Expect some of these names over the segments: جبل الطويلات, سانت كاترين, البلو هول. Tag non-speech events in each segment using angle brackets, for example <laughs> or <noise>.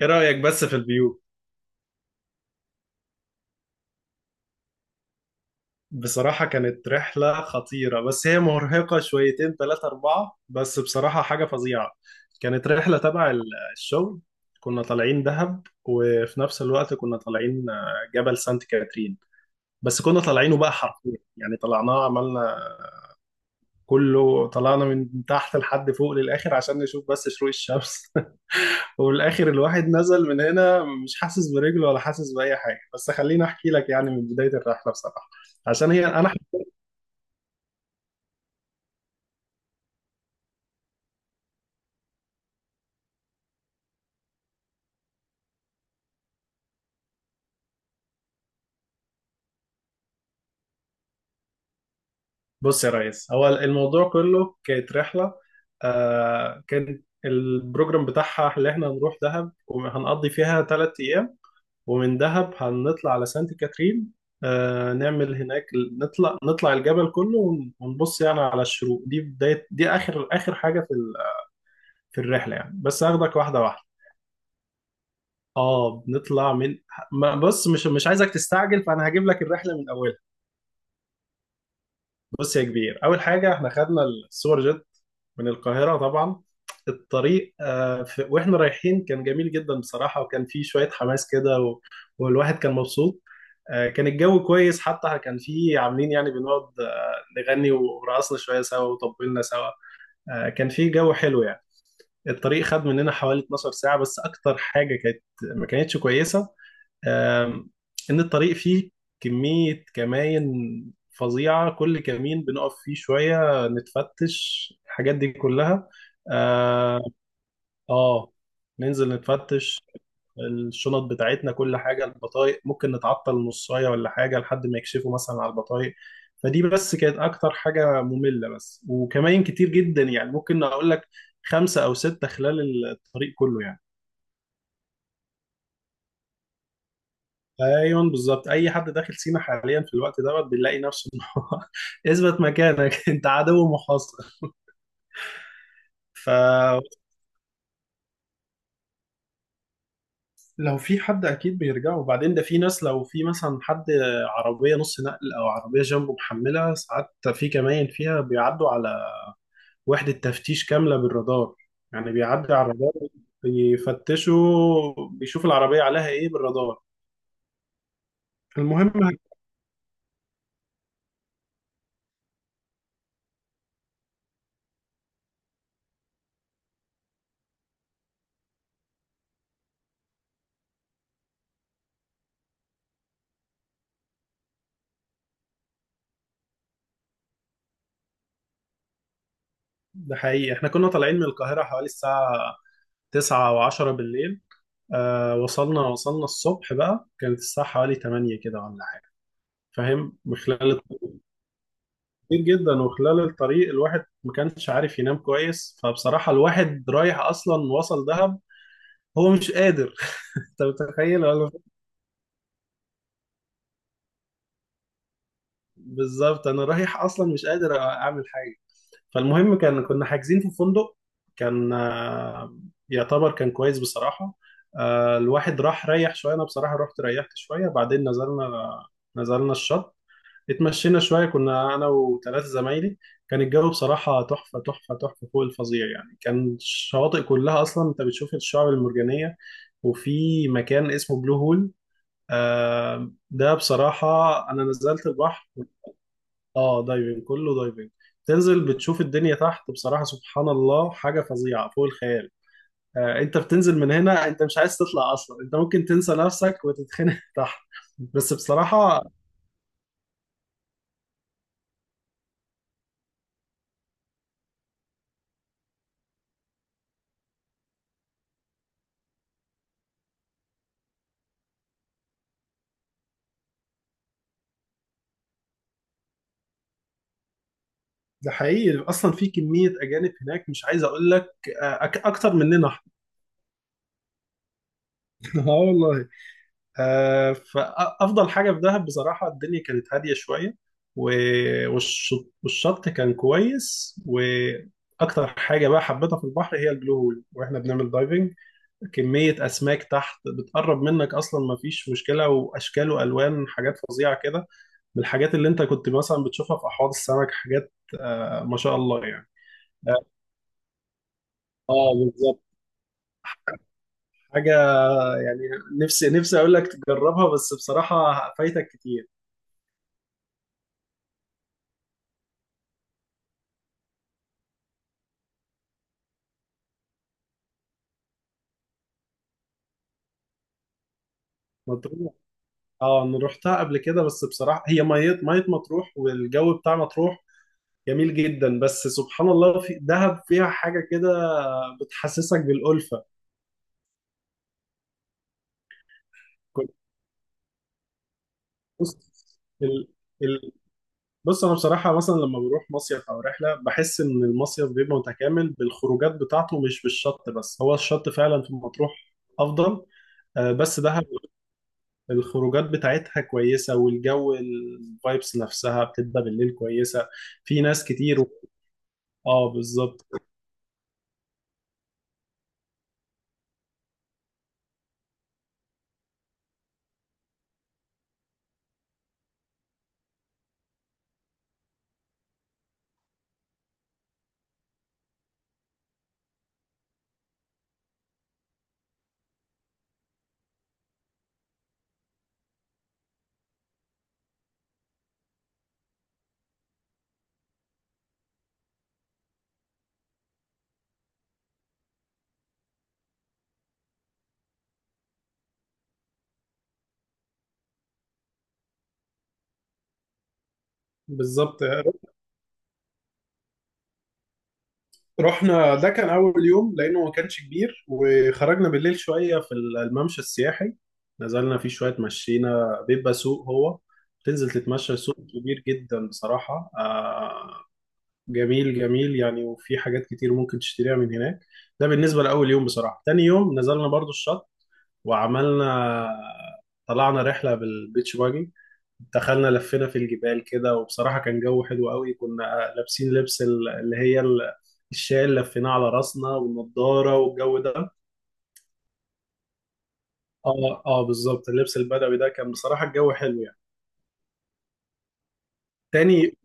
ايه رأيك بس في الفيو؟ بصراحة كانت رحلة خطيرة، بس هي مرهقة شويتين ثلاثة أربعة، بس بصراحة حاجة فظيعة. كانت رحلة تبع الشغل. كنا طالعين دهب وفي نفس الوقت كنا طالعين جبل سانت كاترين. بس كنا طالعينه بقى حرفيا، يعني طلعناه عملنا كله، طلعنا من تحت لحد فوق للآخر عشان نشوف بس شروق الشمس. <laughs> وفي الآخر الواحد نزل من هنا مش حاسس برجله ولا حاسس بأي حاجة، بس خليني أحكي لك يعني من بداية الرحلة بصراحة. عشان هي انا، بص يا ريس، هو الموضوع كله كانت رحلة. كان البروجرام بتاعها اللي احنا هنروح دهب وهنقضي فيها ثلاث أيام، ومن دهب هنطلع على سانت كاترين، نعمل هناك، نطلع الجبل كله ونبص يعني على الشروق. دي بداية، دي آخر آخر حاجة في الرحلة، يعني بس هاخدك واحدة واحدة. اه بنطلع من بص، مش عايزك تستعجل، فأنا هجيب لك الرحلة من أولها. بص يا كبير، اول حاجه احنا خدنا السوبر جيت من القاهره طبعا. الطريق واحنا رايحين كان جميل جدا بصراحه، وكان فيه شويه حماس كده والواحد كان مبسوط. كان الجو كويس، حتى كان فيه عاملين يعني بنقعد نغني، ورقصنا شويه سوا وطبلنا سوا. كان فيه جو حلو يعني. الطريق خد مننا حوالي 12 ساعة، بس أكتر حاجة كانت ما كانتش كويسة، آم، إن الطريق فيه كمية كماين فظيعة. كل كمين بنقف فيه شوية نتفتش الحاجات دي كلها. آه آه، ننزل نتفتش الشنط بتاعتنا كل حاجه، البطايق ممكن نتعطل نصايه ولا حاجه لحد ما يكشفوا مثلا على البطايق. فدي بس كانت اكتر حاجه ممله، بس وكمان كتير جدا، يعني ممكن اقول لك خمسه او سته خلال الطريق كله يعني. ايوه بالظبط، اي حد داخل سينا حاليا في الوقت دوت بيلاقي نفسه إن هو <laughs> اثبت مكانك، انت عدو محاصر. ف لو في حد اكيد بيرجعوا، وبعدين ده في ناس لو في مثلا حد عربيه نص نقل او عربيه جنبه محمله ساعات، في كمان فيها بيعدوا على وحده تفتيش كامله بالرادار، يعني بيعدي على الرادار، بيفتشوا بيشوف العربيه عليها ايه بالرادار. المهم، ده حقيقي، احنا كنا طالعين من القاهره حوالي الساعه 9 او 10 بالليل. وصلنا الصبح بقى، كانت الساعه حوالي 8 كده ولا حاجه، فاهم، من خلال. كتير جدا، وخلال الطريق الواحد ما كانش عارف ينام كويس، فبصراحة الواحد رايح أصلا وصل دهب هو مش قادر. <laughs> أنت متخيل ولا؟ بالظبط، أنا رايح أصلا مش قادر أعمل حاجة. فالمهم، كان كنا حاجزين في فندق، كان يعتبر كان كويس بصراحة. الواحد راح ريح شوية، أنا بصراحة رحت ريحت شوية، بعدين نزلنا الشط، اتمشينا شوية، كنا أنا وثلاثة زمايلي. كان الجو بصراحة تحفة تحفة تحفة فوق الفظيع يعني. كان الشواطئ كلها أصلا أنت بتشوف الشعب المرجانية. وفي مكان اسمه بلو هول، ده بصراحة، أنا نزلت البحر. آه، دايفنج، كله دايفنج. تنزل بتشوف الدنيا تحت، بصراحة سبحان الله حاجة فظيعة فوق الخيال. أنت بتنزل من هنا أنت مش عايز تطلع أصلا، أنت ممكن تنسى نفسك وتتخنق <laughs> تحت، بس بصراحة. ده حقيقي، اصلا في كميه اجانب هناك مش عايز اقول لك، اكتر مننا احنا. <laughs> اه والله. فافضل حاجه في دهب بصراحه الدنيا كانت هاديه شويه، و- والش- والشط كان كويس، واكتر حاجه بقى حبيتها في البحر هي البلو هول، واحنا بنعمل دايفنج كميه اسماك تحت بتقرب منك اصلا ما فيش مشكله، واشكال والوان حاجات فظيعه كده، من الحاجات اللي انت كنت مثلا بتشوفها في احواض السمك، حاجات ما شاء الله يعني. آه، اه بالظبط. حاجة يعني نفسي نفسي اقول لك تجربها، بس بصراحه فايتك كتير. مطروح، اه انا رحتها قبل كده، بس بصراحه هي ميه ميه مطروح، والجو بتاع مطروح جميل جدا، بس سبحان الله في دهب فيها حاجه كده بتحسسك بالالفه. كنت بص، ال... ال... بص انا بصراحه، مثلا لما بروح مصيف او رحله بحس ان المصيف بيبقى متكامل بالخروجات بتاعته مش بالشط بس، هو الشط فعلا في مطروح افضل. بس دهب الخروجات بتاعتها كويسة، والجو الفايبس نفسها بتبقى بالليل كويسة، في ناس كتير اه بالظبط بالظبط. رحنا، ده كان أول يوم لأنه ما كانش كبير، وخرجنا بالليل شوية في الممشى السياحي، نزلنا فيه شوية مشينا، بيبقى سوق، هو تنزل تتمشى سوق كبير جدا بصراحة، جميل جميل يعني، وفي حاجات كتير ممكن تشتريها من هناك. ده بالنسبة لأول يوم. بصراحة تاني يوم نزلنا برضو الشط، وعملنا طلعنا رحلة بالبيتش باجي، دخلنا لفينا في الجبال كده، وبصراحة كان جو حلو قوي. كنا لابسين لبس الشال اللي لفيناه على راسنا، والنضارة، والجو ده. اه اه بالظبط، اللبس البدوي ده كان بصراحة الجو حلو يعني. تاني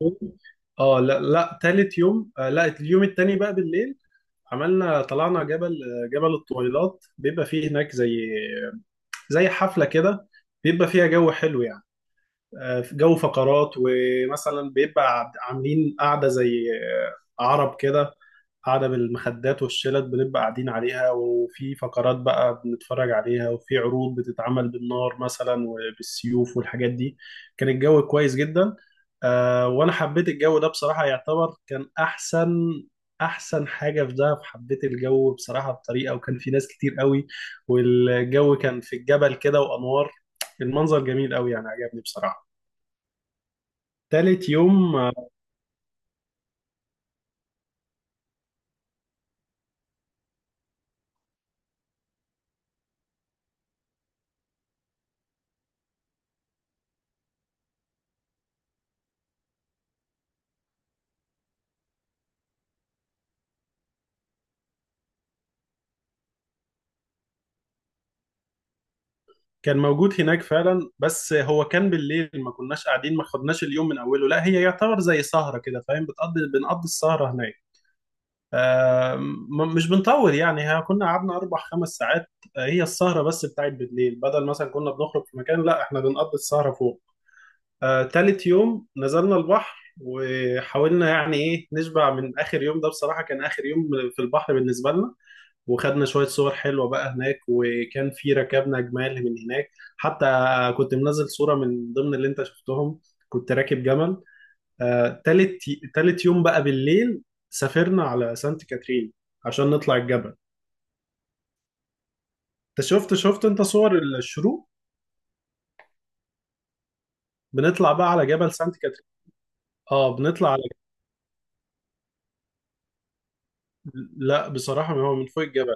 يوم اه لا، لا تالت يوم لا، اليوم التاني بقى بالليل عملنا طلعنا جبل، جبل الطويلات، بيبقى فيه هناك زي حفلة كده، بيبقى فيها جو حلو يعني. في جو فقرات، ومثلا بيبقى عاملين قاعدة زي عرب كده، قاعدة بالمخدات والشلت، بنبقى قاعدين عليها، وفي فقرات بقى بنتفرج عليها، وفي عروض بتتعمل بالنار مثلا وبالسيوف والحاجات دي. كان الجو كويس جدا. وأنا حبيت الجو ده بصراحة، يعتبر كان أحسن أحسن حاجة في دهب. حبيت الجو بصراحة بطريقة، وكان في ناس كتير قوي، والجو كان في الجبل كده وأنوار، المنظر جميل قوي يعني، عجبني بصراحة. تالت يوم كان موجود هناك فعلا، بس هو كان بالليل، ما كناش قاعدين، ما خدناش اليوم من اوله، لا هي يعتبر زي سهرة كده، فاهم، بنقضي السهرة هناك. مش بنطول يعني، ها كنا قعدنا اربع خمس ساعات. هي السهرة بس بتاعت بالليل، بدل مثلا كنا بنخرج في مكان، لا احنا بنقضي السهرة فوق. تالت يوم نزلنا البحر، وحاولنا يعني ايه نشبع من اخر يوم ده، بصراحة كان اخر يوم في البحر بالنسبة لنا. وخدنا شوية صور حلوة بقى هناك، وكان في ركبنا جمال من هناك حتى، كنت منزل صورة من ضمن اللي انت شفتهم، كنت راكب جمل. آه، تالت تالت يوم بقى بالليل سافرنا على سانت كاترين عشان نطلع الجبل. انت شفت انت صور الشروق؟ بنطلع بقى على جبل سانت كاترين، اه بنطلع على. لا بصراحة هو من فوق الجبل،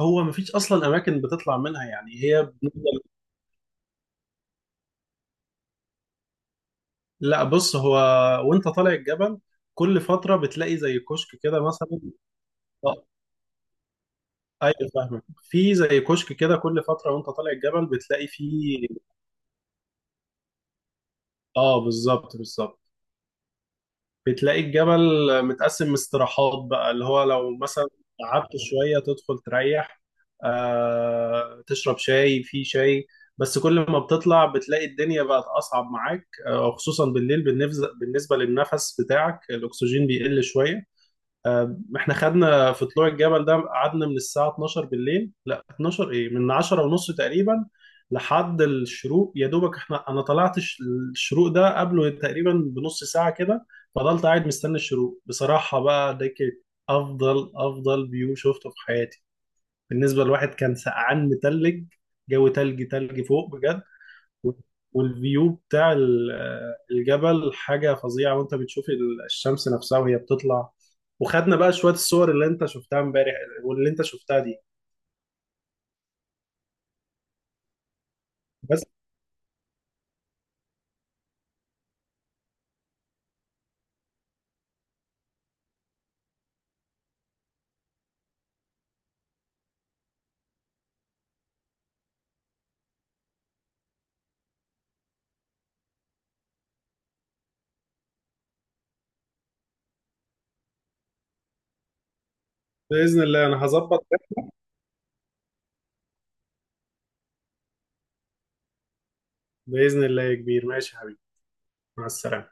هو مفيش أصلا أماكن بتطلع منها، يعني هي بنفضل. لا بص، هو وأنت طالع الجبل كل فترة بتلاقي زي كشك كده مثلا. اه. ايوه فاهمك، في زي كشك كده كل فتره وانت طالع الجبل بتلاقي فيه. اه بالظبط بالظبط. بتلاقي الجبل متقسم استراحات بقى، اللي هو لو مثلا قعدت شويه تدخل تريح، تشرب شاي، في شاي. بس كل ما بتطلع بتلاقي الدنيا بقت اصعب معاك، خصوصا بالليل، بالنسبه للنفس بتاعك، الاكسجين بيقل شويه. احنا خدنا في طلوع الجبل ده، قعدنا من الساعة 12 بالليل، لا 12 ايه، من 10 ونص تقريبا لحد الشروق، يا دوبك احنا، انا طلعت الشروق ده قبله تقريبا بنص ساعة كده. فضلت قاعد مستني الشروق، بصراحة بقى ده كانت افضل افضل فيو شفته في حياتي. بالنسبة لواحد كان سقعان متلج، جو تلج تلج فوق بجد. والفيو بتاع الجبل حاجة فظيعة، وانت بتشوف الشمس نفسها وهي بتطلع. وخدنا بقى شوية الصور اللي انت شفتها امبارح، واللي انت شفتها دي بس. بإذن الله انا هظبط ده. بإذن الله يا كبير، ماشي يا حبيبي. مع السلامة.